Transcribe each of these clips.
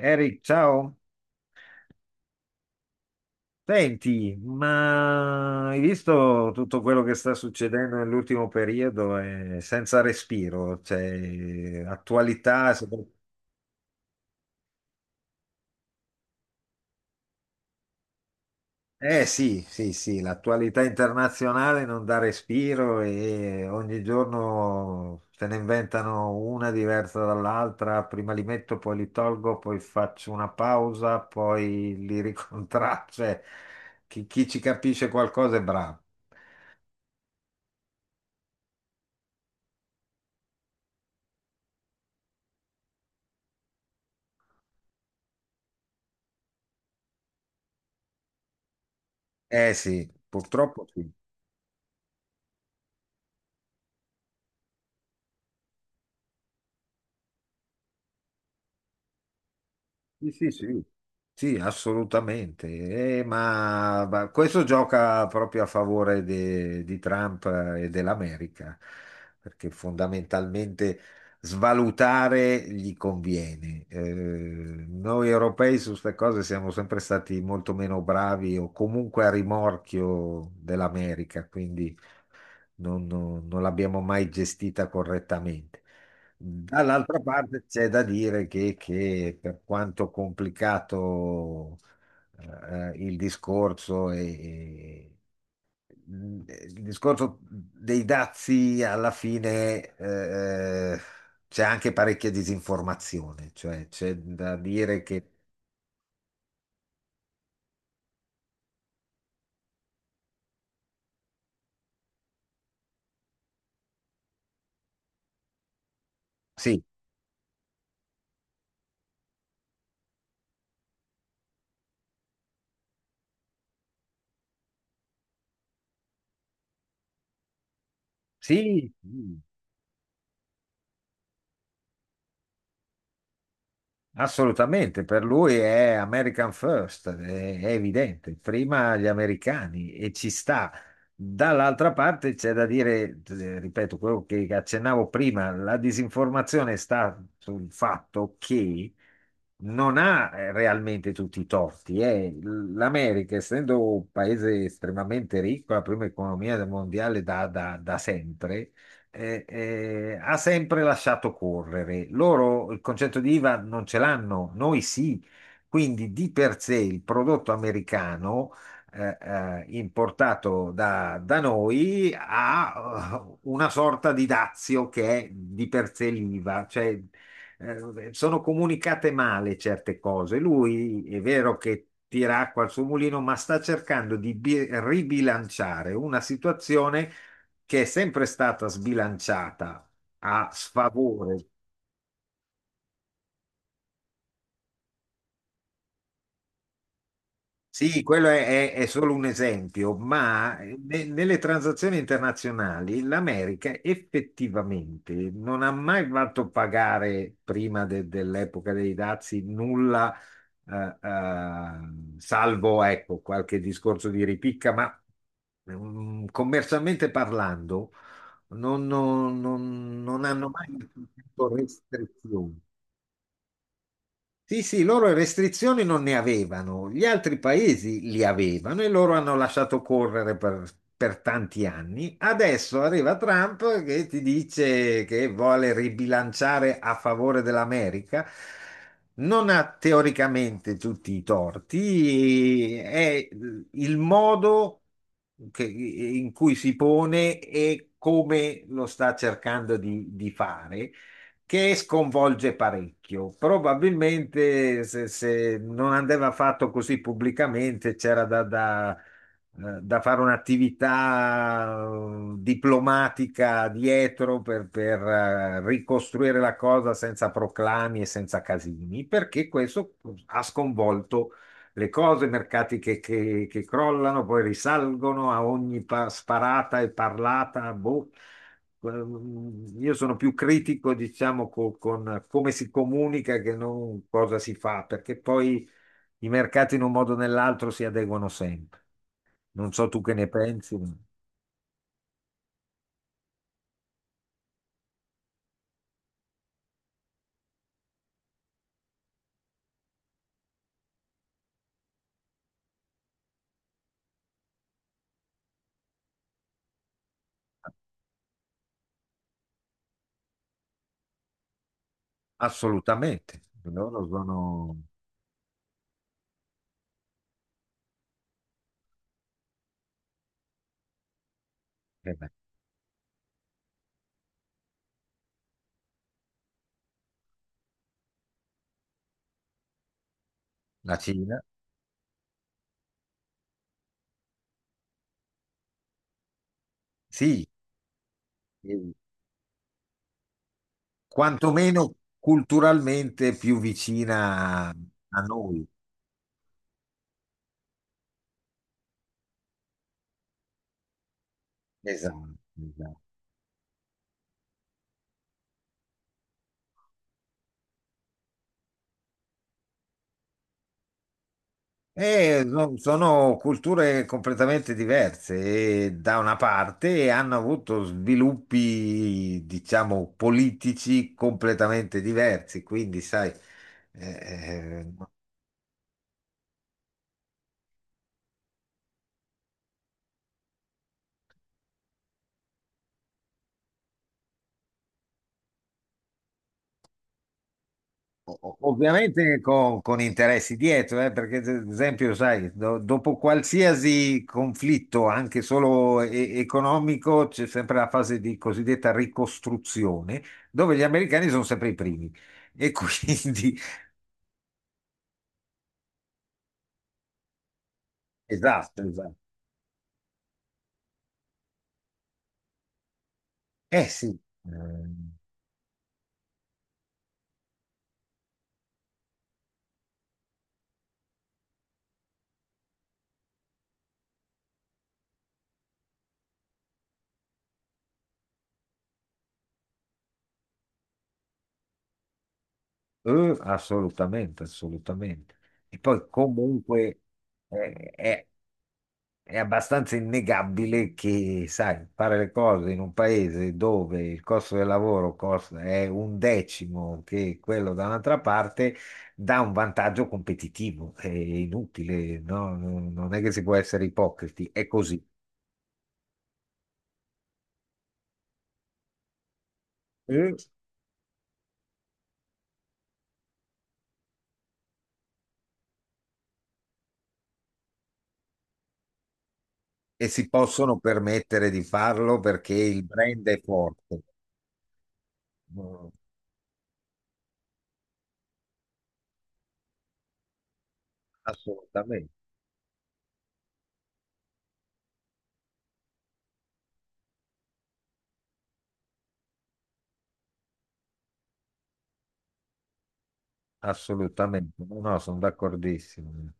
Eric, ciao. Senti, ma hai visto tutto quello che sta succedendo nell'ultimo periodo? È senza respiro, cioè attualità. Eh sì, sì, sì, l'attualità internazionale non dà respiro e ogni giorno se ne inventano una diversa dall'altra. Prima li metto, poi li tolgo, poi faccio una pausa, poi li ricontraccio. Cioè, chi ci capisce qualcosa è bravo. Eh sì, purtroppo sì. Sì, sì, sì. Sì, assolutamente. Ma questo gioca proprio a favore di Trump e dell'America, perché fondamentalmente svalutare gli conviene. Noi europei su queste cose siamo sempre stati molto meno bravi o comunque a rimorchio dell'America, quindi non l'abbiamo mai gestita correttamente. Dall'altra parte c'è da dire che per quanto complicato il discorso, il discorso dei dazi alla fine, c'è anche parecchia disinformazione, cioè c'è da dire che sì, sì. Assolutamente, per lui è American First, è evidente, prima gli americani e ci sta. Dall'altra parte c'è da dire, ripeto, quello che accennavo prima, la disinformazione sta sul fatto che non ha, realmente, tutti i torti. L'America, essendo un paese estremamente ricco, la prima economia del mondiale da, da sempre, ha sempre lasciato correre. Loro il concetto di IVA non ce l'hanno, noi sì. Quindi di per sé il prodotto americano, importato da, da noi, ha una sorta di dazio che è di per sé l'IVA. Cioè, sono comunicate male certe cose. Lui è vero che tira acqua al suo mulino, ma sta cercando di ribilanciare una situazione che è sempre stata sbilanciata a sfavore. Sì, quello è, è solo un esempio, ma nelle transazioni internazionali l'America effettivamente non ha mai fatto pagare, prima dell'epoca dei dazi, nulla, salvo ecco qualche discorso di ripicca, ma commercialmente parlando non hanno mai avuto restrizioni. Sì, sì, loro restrizioni non ne avevano, gli altri paesi li avevano e loro hanno lasciato correre per tanti anni. Adesso arriva Trump che ti dice che vuole ribilanciare a favore dell'America. Non ha teoricamente tutti i torti, è il modo in cui si pone e come lo sta cercando di fare che sconvolge parecchio. Probabilmente se, se non andava fatto così pubblicamente, c'era da, da, da fare un'attività diplomatica dietro per, ricostruire la cosa senza proclami e senza casini, perché questo ha sconvolto le cose, mercati che, che crollano, poi risalgono a ogni sparata e parlata. Boh. Io sono più critico, diciamo, con come si comunica che non cosa si fa, perché poi i mercati in un modo o nell'altro si adeguano sempre. Non so tu che ne pensi, ma assolutamente. Loro sono eh beh, la Cina, sì, eh, quantomeno culturalmente più vicina a noi. Esatto, esatto. E sono culture completamente diverse e da una parte hanno avuto sviluppi, diciamo, politici completamente diversi, quindi sai, eh, ovviamente con interessi dietro, perché ad esempio, sai, dopo qualsiasi conflitto, anche solo economico, c'è sempre la fase di cosiddetta ricostruzione, dove gli americani sono sempre i primi. E quindi, esatto, esatto. Eh sì, ehm, assolutamente, assolutamente. E poi comunque eh, è È abbastanza innegabile che, sai, fare le cose in un paese dove il costo del lavoro è un decimo che quello da un'altra parte dà un vantaggio competitivo. È inutile, no? Non non è che si può essere ipocriti, è così. Mm. E si possono permettere di farlo perché il brand è forte. No, assolutamente, assolutamente. No, no, sono d'accordissimo.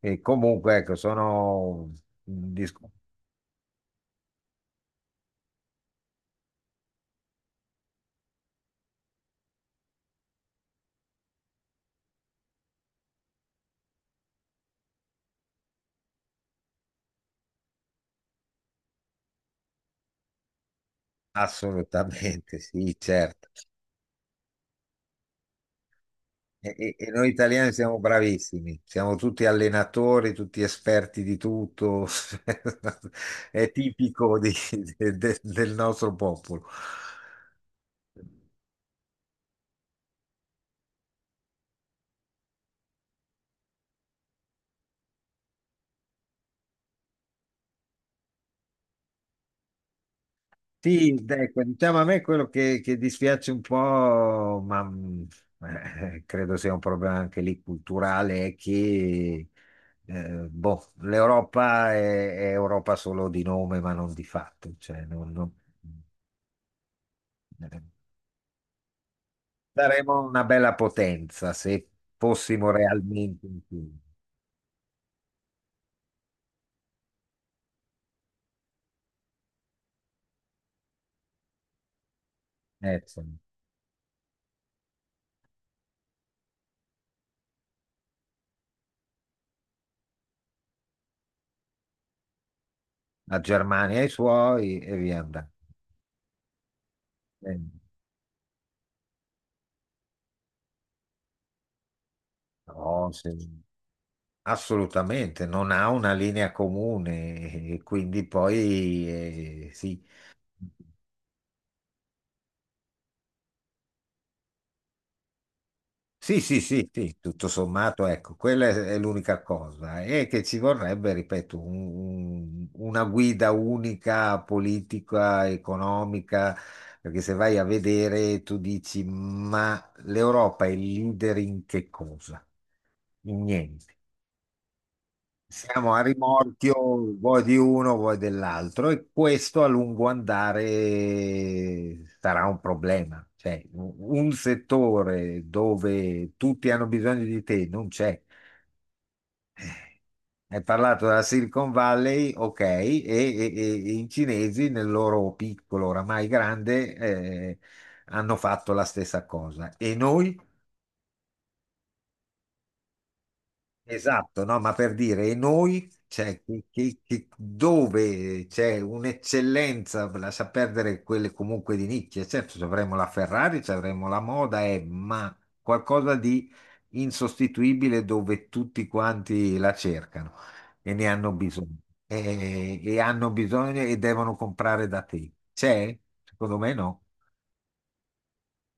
E comunque, ecco, sono assolutamente, sì, certo. E noi italiani siamo bravissimi, siamo tutti allenatori, tutti esperti di tutto, è tipico del nostro popolo. Sì, ecco, diciamo, a me quello che dispiace un po', ma credo sia un problema anche lì culturale, è che boh, l'Europa è Europa solo di nome, ma non di fatto. Cioè, non- daremo una bella potenza se fossimo realmente in Cina. Insomma, la Germania ha i suoi e via andando. Eh, no, sì, assolutamente, non ha una linea comune e quindi poi sì. Sì, sì, sì, sì, tutto sommato, ecco, quella è l'unica cosa. E che ci vorrebbe, ripeto, una guida unica politica, economica, perché se vai a vedere tu dici, ma l'Europa è leader in che cosa? In niente. Siamo a rimorchio, vuoi di uno, vuoi dell'altro, e questo a lungo andare sarà un problema. Cioè, un settore dove tutti hanno bisogno di te non c'è. Hai parlato della Silicon Valley, ok, e, e i cinesi nel loro piccolo, oramai grande, hanno fatto la stessa cosa. E noi? Esatto, no, ma per dire, e noi, cioè, che, dove c'è un'eccellenza, lascia perdere quelle comunque di nicchia, certo, ci avremo la Ferrari, ci avremo la moda, ma qualcosa di insostituibile dove tutti quanti la cercano e ne hanno bisogno, e hanno bisogno e devono comprare da te. C'è? Secondo me no.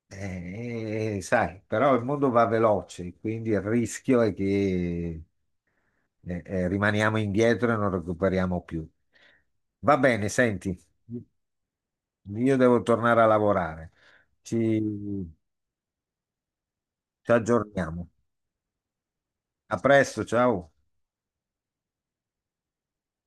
Sai, però il mondo va veloce, quindi il rischio è che rimaniamo indietro e non recuperiamo più. Va bene, senti, io devo tornare a lavorare. Ci, ci aggiorniamo. A presto, ciao.